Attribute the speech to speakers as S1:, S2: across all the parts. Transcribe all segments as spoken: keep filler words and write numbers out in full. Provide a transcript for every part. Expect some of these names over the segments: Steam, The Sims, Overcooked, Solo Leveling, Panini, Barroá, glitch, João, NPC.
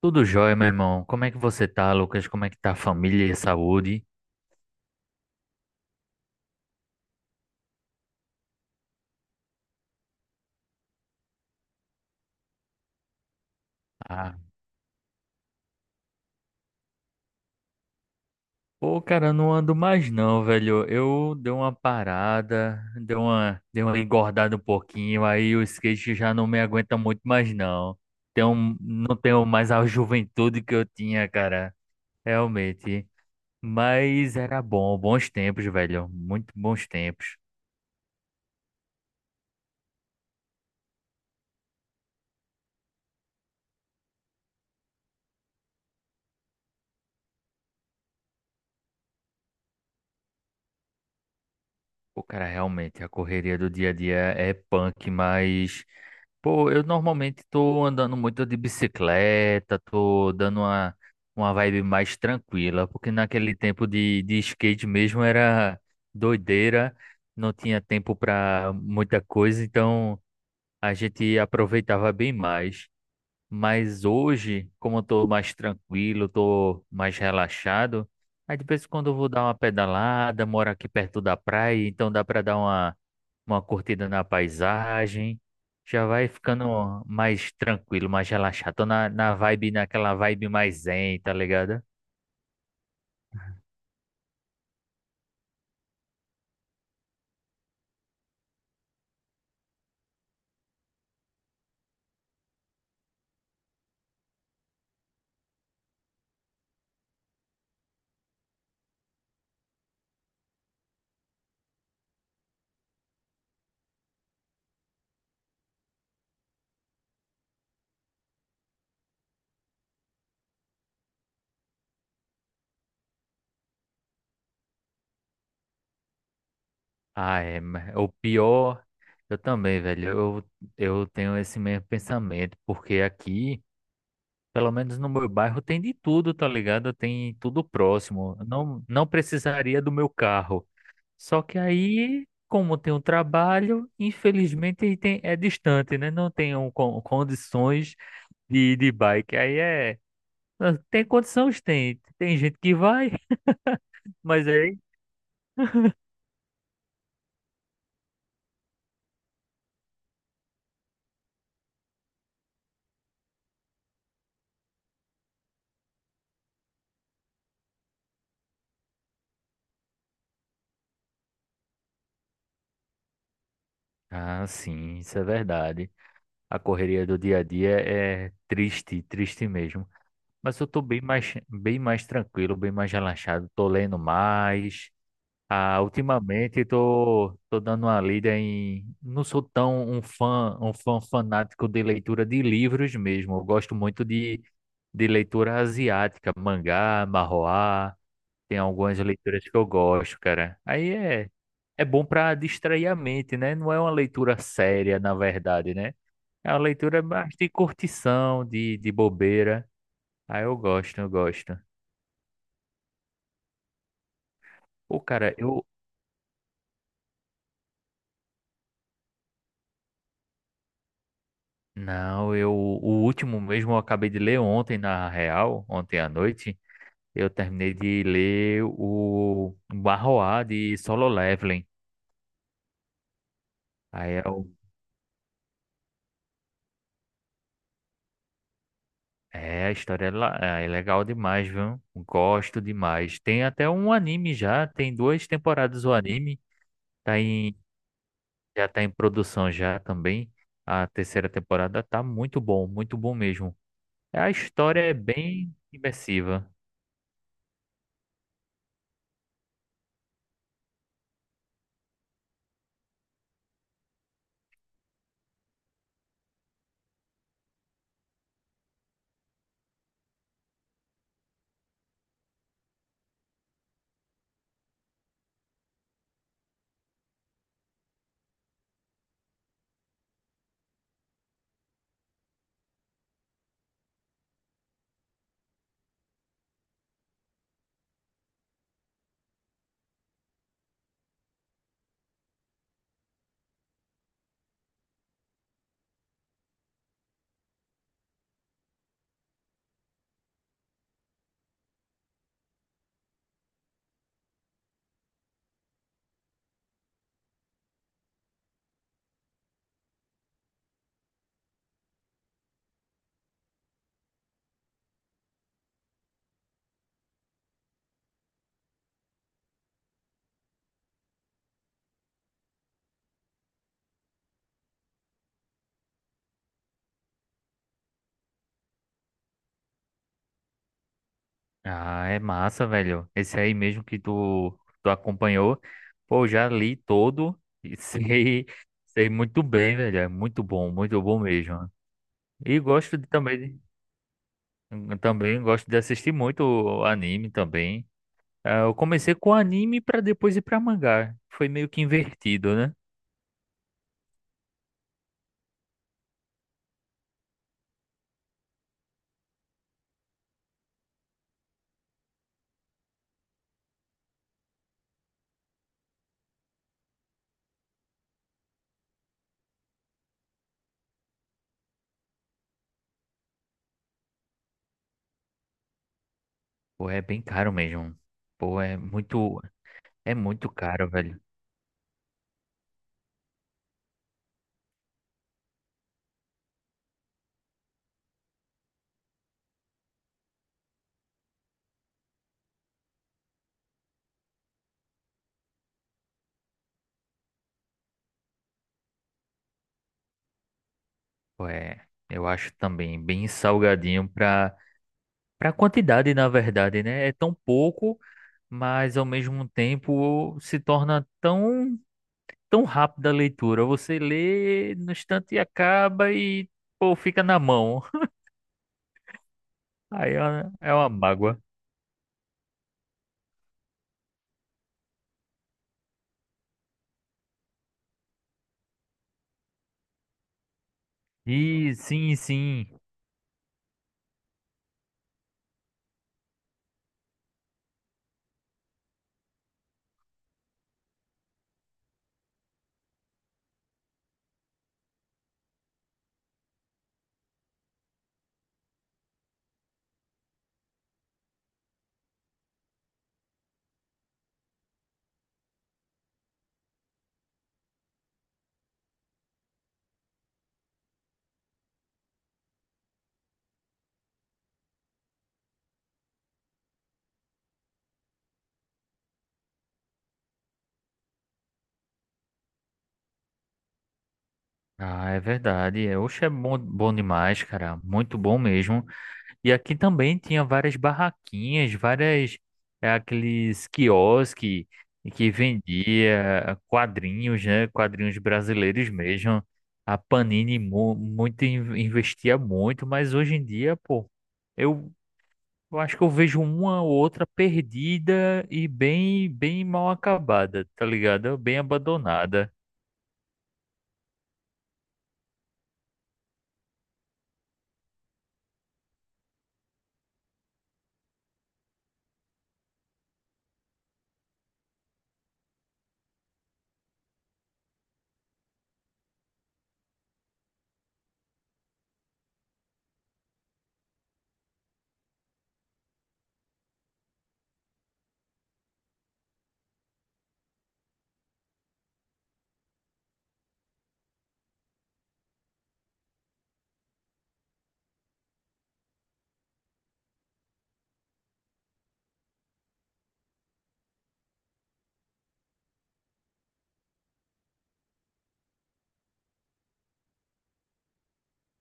S1: Tudo jóia, meu irmão. Como é que você tá, Lucas? Como é que tá a família e a saúde? Ah, Pô, cara, não ando mais não, velho. Eu dei uma parada, dei uma, dei uma engordada um pouquinho, aí o skate já não me aguenta muito mais não. Tenho, não tenho mais a juventude que eu tinha, cara, realmente. Mas era bom, bons tempos, velho. Muito bons tempos. O cara realmente, a correria do dia a dia é punk, mas, pô, eu normalmente tô andando muito de bicicleta, tô dando uma, uma vibe mais tranquila, porque naquele tempo de, de skate mesmo era doideira, não tinha tempo pra muita coisa, então a gente aproveitava bem mais. Mas hoje, como eu tô mais tranquilo, tô mais relaxado, aí de vez em quando eu vou dar uma pedalada, moro aqui perto da praia, então dá para dar uma, uma curtida na paisagem. Já vai ficando mais tranquilo, mais relaxado. Tô na, na vibe, naquela vibe mais zen, tá ligado? Ah, é, mas o pior, eu também, velho. Eu, eu tenho esse mesmo pensamento, porque aqui. Pelo menos no meu bairro tem de tudo, tá ligado? Tem tudo próximo. Não, não precisaria do meu carro. Só que aí, como tem um trabalho, infelizmente tem, é distante, né? Não tenho con- condições de ir de bike. Aí é. ah, Tem condições, tem. Tem gente que vai, mas aí. Ah, sim, isso é verdade. A correria do dia a dia é triste, triste mesmo. Mas eu tô bem mais, bem mais tranquilo, bem mais relaxado. Tô lendo mais. Ah, ultimamente tô, tô dando uma lida em. Não sou tão um fã, um fã fanático de leitura de livros mesmo. Eu gosto muito de, de leitura asiática, mangá, manhwa. Tem algumas leituras que eu gosto, cara. Aí é, é bom pra distrair a mente, né? Não é uma leitura séria, na verdade, né? É uma leitura mais de curtição, de, de bobeira. Aí eu gosto, eu gosto. Pô, cara, eu, não, eu o último mesmo eu acabei de ler ontem na real, ontem à noite, eu terminei de ler o Barroá de Solo Leveling. Aí é, o- é, a história é, la- é é legal demais, viu? Gosto demais. Tem até um anime já, tem duas temporadas o anime, tá em já tá em produção já também. A terceira temporada tá muito bom, muito bom mesmo. A história é bem imersiva. Ah, é massa, velho. Esse aí mesmo que tu, tu acompanhou. Pô, já li todo e sei, sei muito bem, velho. É muito bom, muito bom mesmo. E gosto de- também, de- também gosto de assistir muito anime também. Ah, Eu comecei com anime pra depois ir pra mangá. Foi meio que invertido, né? Pô, é bem caro mesmo. Pô, é muito, é muito caro, velho. Pô, é, eu acho também bem salgadinho pra, pra quantidade, na verdade, né? É tão pouco, mas ao mesmo tempo se torna tão, tão rápida a leitura. Você lê no instante e acaba e pô, fica na mão. Aí é uma é uma mágoa. E sim, sim. Ah, é verdade. É, oxe, é bom, bom demais, cara. Muito bom mesmo. E aqui também tinha várias barraquinhas, várias, é, aqueles quiosque que vendia quadrinhos, né? Quadrinhos brasileiros mesmo. A Panini mu- muito in- investia muito, mas hoje em dia, pô, eu, eu acho que eu vejo uma ou outra perdida e bem bem mal acabada, tá ligado? Bem abandonada.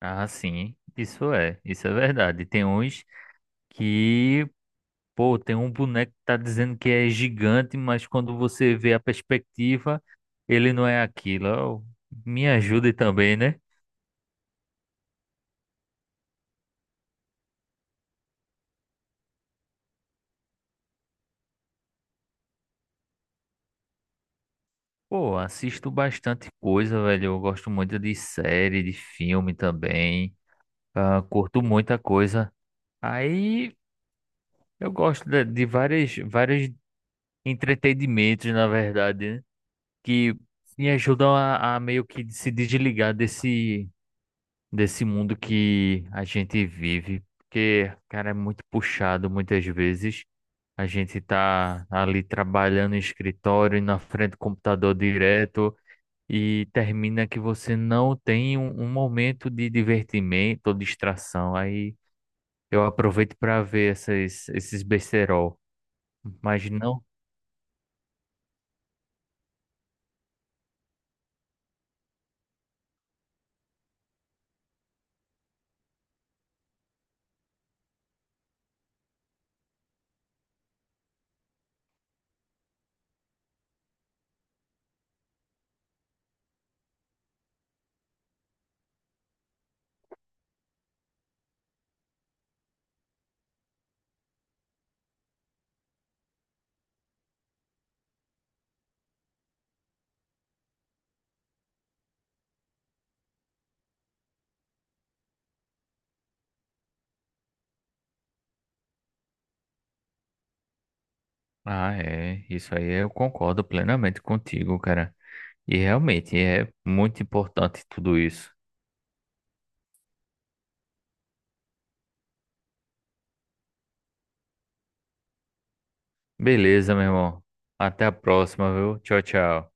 S1: Ah, sim, isso é, isso é verdade. Tem uns que pô, tem um boneco que tá dizendo que é gigante, mas quando você vê a perspectiva, ele não é aquilo. Ó, me ajude também, né? Pô, assisto bastante coisa, velho. Eu gosto muito de série, de filme também. Ah, curto muita coisa. Aí eu gosto de, de várias, vários entretenimentos, na verdade, né? Que me ajudam a, a meio que se desligar desse, desse mundo que a gente vive, porque, cara, é muito puxado muitas vezes. A gente tá ali trabalhando em escritório, na frente do computador direto, e termina que você não tem um, um momento de divertimento ou distração. Aí eu aproveito para ver essas, esses besterol. Mas não. Ah, é. Isso aí eu concordo plenamente contigo, cara. E realmente é muito importante tudo isso. Beleza, meu irmão. Até a próxima, viu? Tchau, tchau.